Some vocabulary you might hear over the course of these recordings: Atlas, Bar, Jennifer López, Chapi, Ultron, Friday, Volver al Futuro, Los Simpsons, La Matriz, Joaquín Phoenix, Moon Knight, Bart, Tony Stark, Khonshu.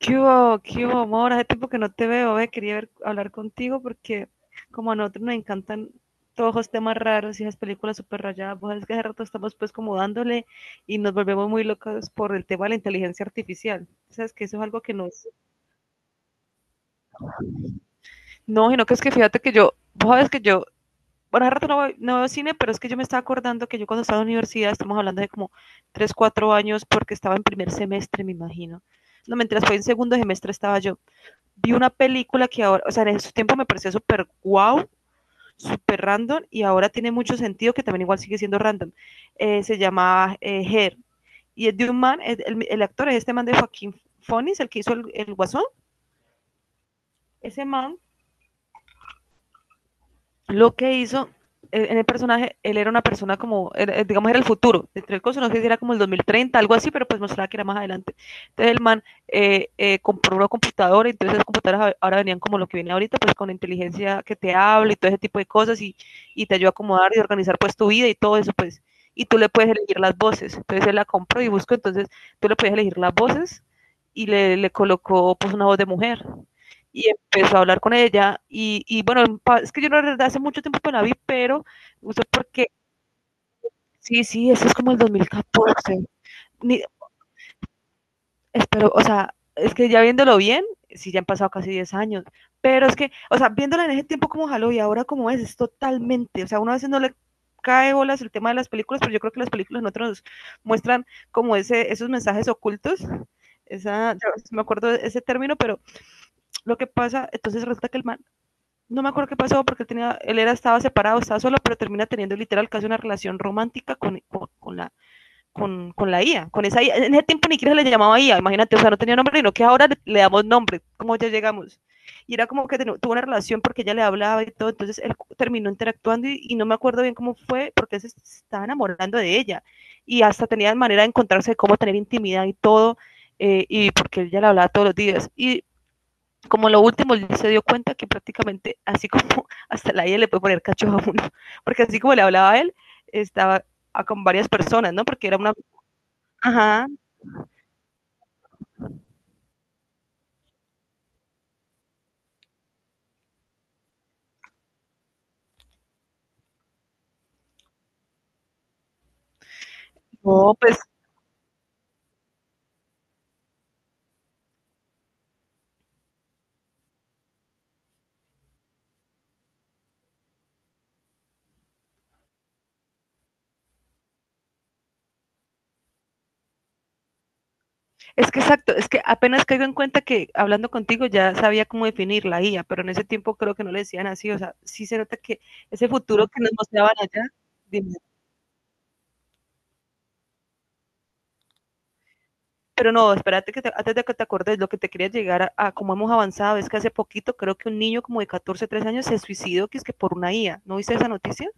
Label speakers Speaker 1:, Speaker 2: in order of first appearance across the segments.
Speaker 1: Qué hubo, amor? Hace tiempo que no te veo, ve. Quería hablar contigo porque como a nosotros nos encantan todos los temas raros y esas películas súper rayadas. Vos sabés que hace rato estamos pues como dándole y nos volvemos muy locos por el tema de la inteligencia artificial. ¿Sabes que eso es algo que nos... No, sino que es que fíjate que yo, vos sabes que yo, bueno, hace rato no, no veo cine, pero es que yo me estaba acordando que yo cuando estaba en la universidad, estamos hablando de como 3 4 años porque estaba en primer semestre, me imagino. No, mientras fue en segundo semestre estaba yo. Vi una película que ahora, o sea, en su tiempo me pareció súper guau, súper random y ahora tiene mucho sentido que también igual sigue siendo random. Se llama Her, y es de un man, el actor es este man de Joaquín Phoenix, el que hizo el guasón. Ese man, lo que hizo en el personaje, él era una persona como, digamos, era el futuro. Entre el coso, no sé si era como el 2030, algo así, pero pues mostraba que era más adelante. Entonces el man compró una computadora. Entonces las computadoras ahora venían como lo que viene ahorita, pues con inteligencia que te habla y todo ese tipo de cosas, y te ayuda a acomodar y organizar pues tu vida y todo eso, pues. Y tú le puedes elegir las voces. Entonces él la compró y buscó. Entonces tú le puedes elegir las voces y le colocó pues una voz de mujer y empezó a hablar con ella. Y bueno, es que yo la verdad hace mucho tiempo que la vi, pero no sé por qué. Sí, sí, eso es como el 2014. Ni, Espero, o sea, es que ya viéndolo bien, sí, ya han pasado casi 10 años. Pero es que, o sea, viéndola en ese tiempo como jaló y ahora como es totalmente, o sea, uno a veces no le cae bolas el tema de las películas, pero yo creo que las películas nosotros nos muestran como esos mensajes ocultos. Esa, yo no me acuerdo de ese término, pero lo que pasa, entonces resulta que el man, no me acuerdo qué pasó porque tenía, él era, estaba separado, estaba solo, pero termina teniendo literal casi una relación romántica con la IA, con esa IA. En ese tiempo ni siquiera se le llamaba IA, imagínate, o sea, no tenía nombre, sino que ahora le, damos nombre, como ya llegamos. Y era como que tuvo una relación porque ella le hablaba y todo, entonces él terminó interactuando y no me acuerdo bien cómo fue porque él se estaba enamorando de ella y hasta tenía manera de encontrarse, cómo tener intimidad y todo. Y porque ella le hablaba todos los días. Y como lo último, él se dio cuenta que prácticamente, así como hasta la IA le puede poner cacho a uno, porque así como le hablaba a él, estaba con varias personas, ¿no? Porque era una, ajá, no, pues, es que exacto, es que apenas caigo en cuenta que hablando contigo ya sabía cómo definir la IA, pero en ese tiempo creo que no le decían así, o sea, sí se nota que ese futuro que nos mostraban allá, dime, pero no, espérate que te, antes de que te acordes, lo que te quería llegar a, cómo hemos avanzado es que hace poquito creo que un niño como de 14 13 años se suicidó, que es que por una IA. ¿No viste esa noticia?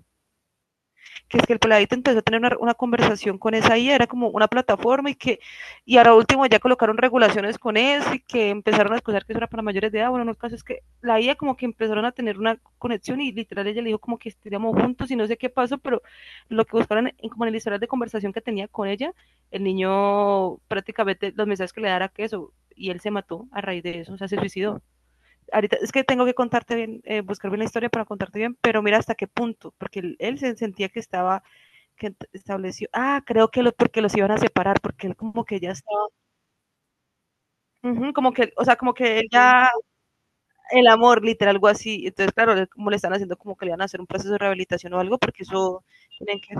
Speaker 1: Que es que el peladito empezó a tener una conversación con esa IA, era como una plataforma y que, y ahora último ya colocaron regulaciones con eso y que empezaron a escuchar que eso era para mayores de edad, bueno, no, el caso es que la IA como que empezaron a tener una conexión y literal ella le dijo como que estuviéramos juntos y no sé qué pasó, pero lo que buscaron en, como en el historial de conversación que tenía con ella, el niño prácticamente los mensajes que le daba que eso, y él se mató a raíz de eso, o sea, se suicidó. Ahorita es que tengo que contarte bien, buscar bien la historia para contarte bien, pero mira hasta qué punto, porque él se sentía que estaba, que estableció, ah, creo que lo, porque los iban a separar, porque él como que ya estaba, uh -huh, como que, o sea, como que ya el amor, literal, algo así. Entonces claro, como le están haciendo como que le van a hacer un proceso de rehabilitación o algo, porque eso tienen que...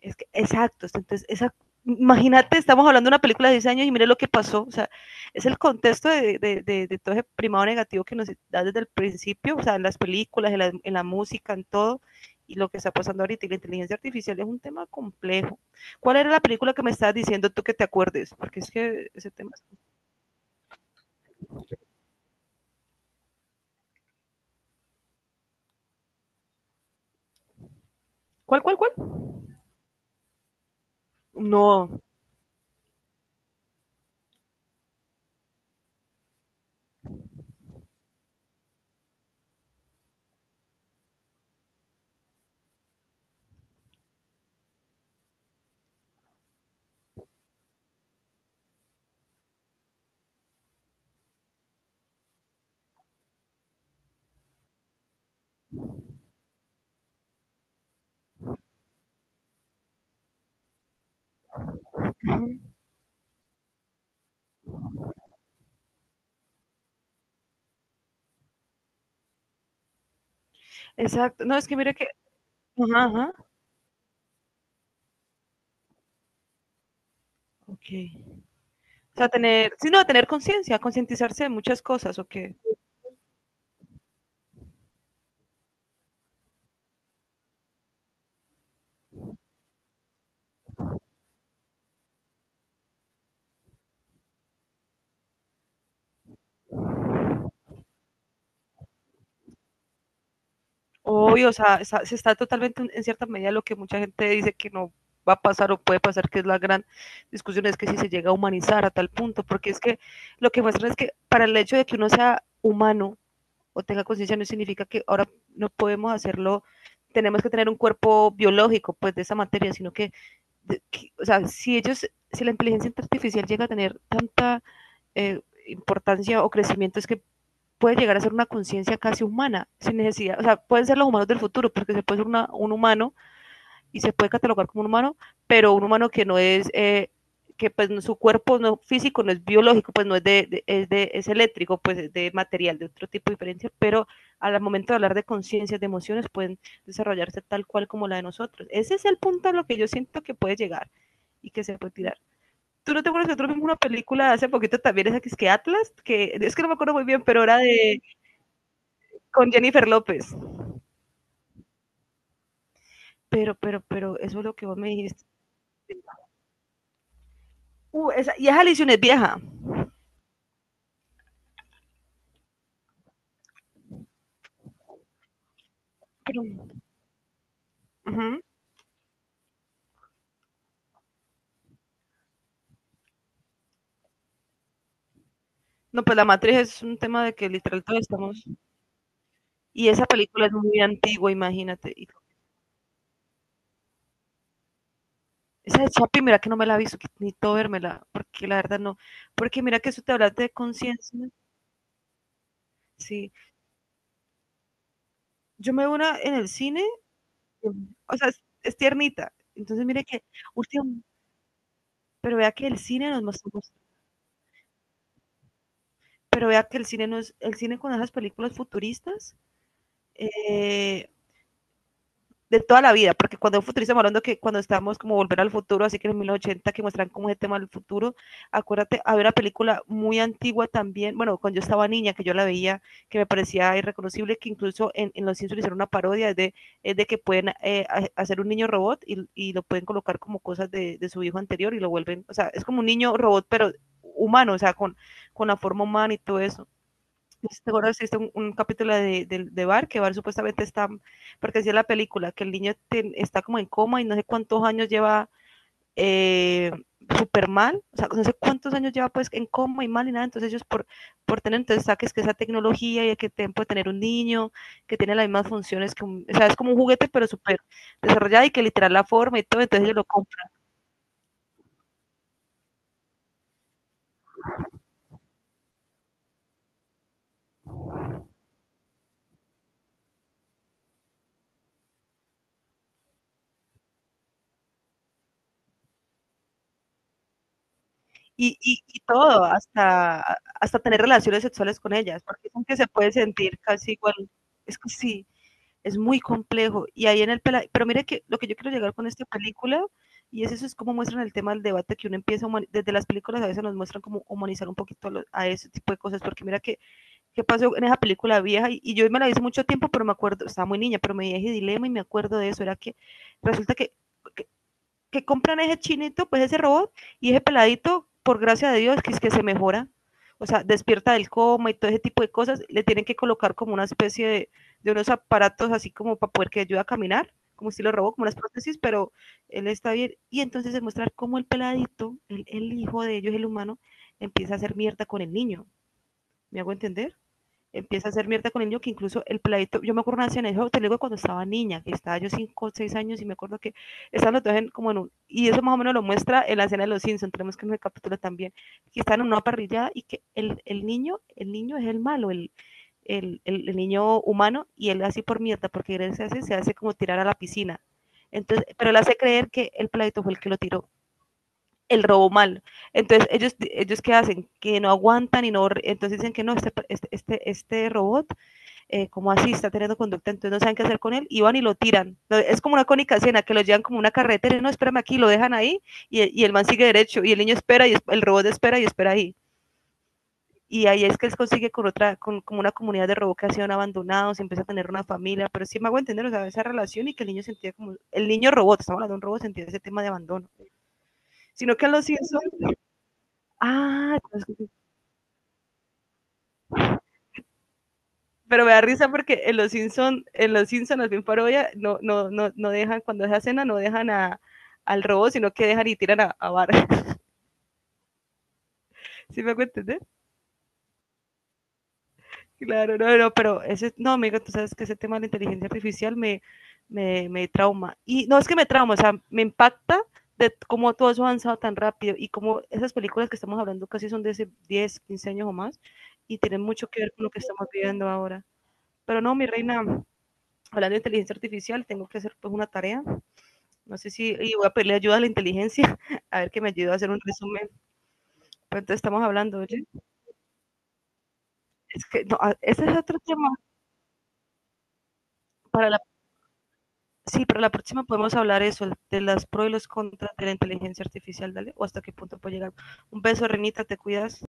Speaker 1: Es que, exacto, entonces, esa, imagínate, estamos hablando de una película de 10 años y mire lo que pasó, o sea, es el contexto de, todo ese primado negativo que nos da desde el principio, o sea, en las películas, en la música, en todo, y lo que está pasando ahorita, y la inteligencia artificial es un tema complejo. ¿Cuál era la película que me estabas diciendo tú que te acuerdes? Porque es que ese tema... ¿Cuál, cuál, cuál? No, exacto, no, es que mire que... Ajá, ajá, ok. O sea, tener, sí, no, tener conciencia, concientizarse de muchas cosas, ok. Obvio, o sea, se está totalmente en cierta medida lo que mucha gente dice que no va a pasar o puede pasar, que es la gran discusión, es que si se llega a humanizar a tal punto, porque es que lo que muestran es que para el hecho de que uno sea humano o tenga conciencia no significa que ahora no podemos hacerlo, tenemos que tener un cuerpo biológico, pues, de esa materia, sino que, o sea, si ellos, si la inteligencia artificial llega a tener tanta eh, importancia o crecimiento, es que puede llegar a ser una conciencia casi humana, sin necesidad, o sea, pueden ser los humanos del futuro, porque se puede ser una, un humano y se puede catalogar como un humano, pero un humano que no es, que pues no, su cuerpo no físico, no es biológico, pues no es de, es de, es eléctrico, pues es de material, de otro tipo de diferencia, pero al momento de hablar de conciencias, de emociones, pueden desarrollarse tal cual como la de nosotros. Ese es el punto a lo que yo siento que puede llegar y que se puede tirar. ¿Tú no te acuerdas que nosotros vimos una película hace poquito también, esa que es que Atlas? Que, es que no me acuerdo muy bien, pero era de con Jennifer López. Pero, eso es lo que vos me dijiste. Esa, y esa lesión es vieja. Pero, ujú. No, pues La Matriz es un tema de que literal todos estamos. Y esa película es muy antigua, imagínate. Y esa de Chapi, mira que no me la he ni todo vérmela, porque la verdad no. Porque mira que eso te habla de conciencia. Sí. Yo me veo una en el cine, o sea, es tiernita. Entonces, mire que, último, pero vea que el cine nos mostramos. Pero vea que el cine no es, el cine con esas películas futuristas eh, de toda la vida, porque cuando futurizamos hablando que cuando estamos como volver al futuro, así que en los 1980 que muestran como ese tema del futuro, acuérdate, había una película muy antigua también, bueno, cuando yo estaba niña, que yo la veía, que me parecía irreconocible, que incluso en Los Simpsons hicieron una parodia de que pueden hacer un niño robot y lo pueden colocar como cosas de, su hijo anterior y lo vuelven, o sea, es como un niño robot, pero humano, o sea, con la forma humana y todo eso. ¿Te acuerdas que existe un capítulo de Bar? Que Bar supuestamente está, porque decía la película, que el niño está como en coma y no sé cuántos años lleva eh, súper mal, o sea, no sé cuántos años lleva pues en coma y mal y nada, entonces ellos por tener, entonces saques que esa tecnología y que tiempo de tener un niño que tiene las mismas funciones que un, o sea, es como un juguete pero súper desarrollado y que literal la forma y todo, entonces ellos lo compran y todo, hasta tener relaciones sexuales con ellas, porque dicen que se puede sentir casi igual, es que sí, es muy complejo. Y ahí en el pela- Pero mire que lo que yo quiero llegar con esta película, y es eso, es cómo muestran el tema del debate que uno empieza, a desde las películas a veces nos muestran como humanizar un poquito a, a ese tipo de cosas, porque mira que, qué pasó en esa película vieja, y yo me la vi hace mucho tiempo, pero me acuerdo, estaba muy niña, pero me dije dilema y me acuerdo de eso, era que resulta que, que que compran ese chinito, pues ese robot y ese peladito, por gracia de Dios, que es que se mejora. O sea, despierta del coma y todo ese tipo de cosas. Le tienen que colocar como una especie de unos aparatos así como para poder que ayude a caminar, como estilo robot, como las prótesis, pero él está bien. Y entonces se muestra cómo el peladito, el hijo de ellos, el humano, empieza a hacer mierda con el niño. ¿Me hago entender? Empieza a hacer mierda con el niño que incluso el peladito, yo me acuerdo una escena, eso te lo digo cuando estaba niña, que estaba yo 5, o 6 años y me acuerdo que estaban los dos en, como en un, y eso más o menos lo muestra en la escena de los Simpsons, tenemos que en el capítulo también, que están en una parrillada y que el niño, el niño es el malo, el niño humano y él así por mierda, porque él se hace como tirar a la piscina. Entonces, pero él hace creer que el peladito fue el que lo tiró el robo mal. Entonces, ellos qué hacen? Que no aguantan y no, entonces dicen que no, este robot como así, está teniendo conducta, entonces no saben qué hacer con él, y van y lo tiran. No, es como una cónica escena, que lo llevan como una carretera, no, espérame aquí, lo dejan ahí, y el man sigue derecho, y el niño espera, y el robot espera y espera ahí. Y ahí es que él consigue con otra, con, como una comunidad de robot que ha sido abandonados, empieza a tener una familia, pero sí me hago entender, o sea, esa relación y que el niño sentía como, el niño robot, estamos hablando de un robot, sentía ese tema de abandono. Sino que los Simpsons, ah, entonces, pero me da risa porque en los Simpsons, los bien parodia, no, no, no, no dejan, cuando es cena, no dejan a, al robot, sino que dejan y tiran a Bart. ¿Sí me hago entender? Claro, no, no, pero ese, no, amigo, tú sabes que ese tema de la inteligencia artificial me, me trauma. Y no es que me trauma, o sea, me impacta de cómo todo eso ha avanzado tan rápido y cómo esas películas que estamos hablando casi son de hace 10, 15 años o más y tienen mucho que ver con lo que estamos viviendo ahora. Pero no, mi reina, hablando de inteligencia artificial, tengo que hacer pues una tarea. No sé si y voy a pedirle ayuda a la inteligencia, a ver que me ayude a hacer un resumen. ¿Cuánto estamos hablando? ¿Oye? Es que no, ah, ese es otro tema. Para la, sí, para la próxima podemos hablar eso, de las pros y los contras de la inteligencia artificial, dale, o hasta qué punto puede llegar. Un beso, Renita, te cuidas.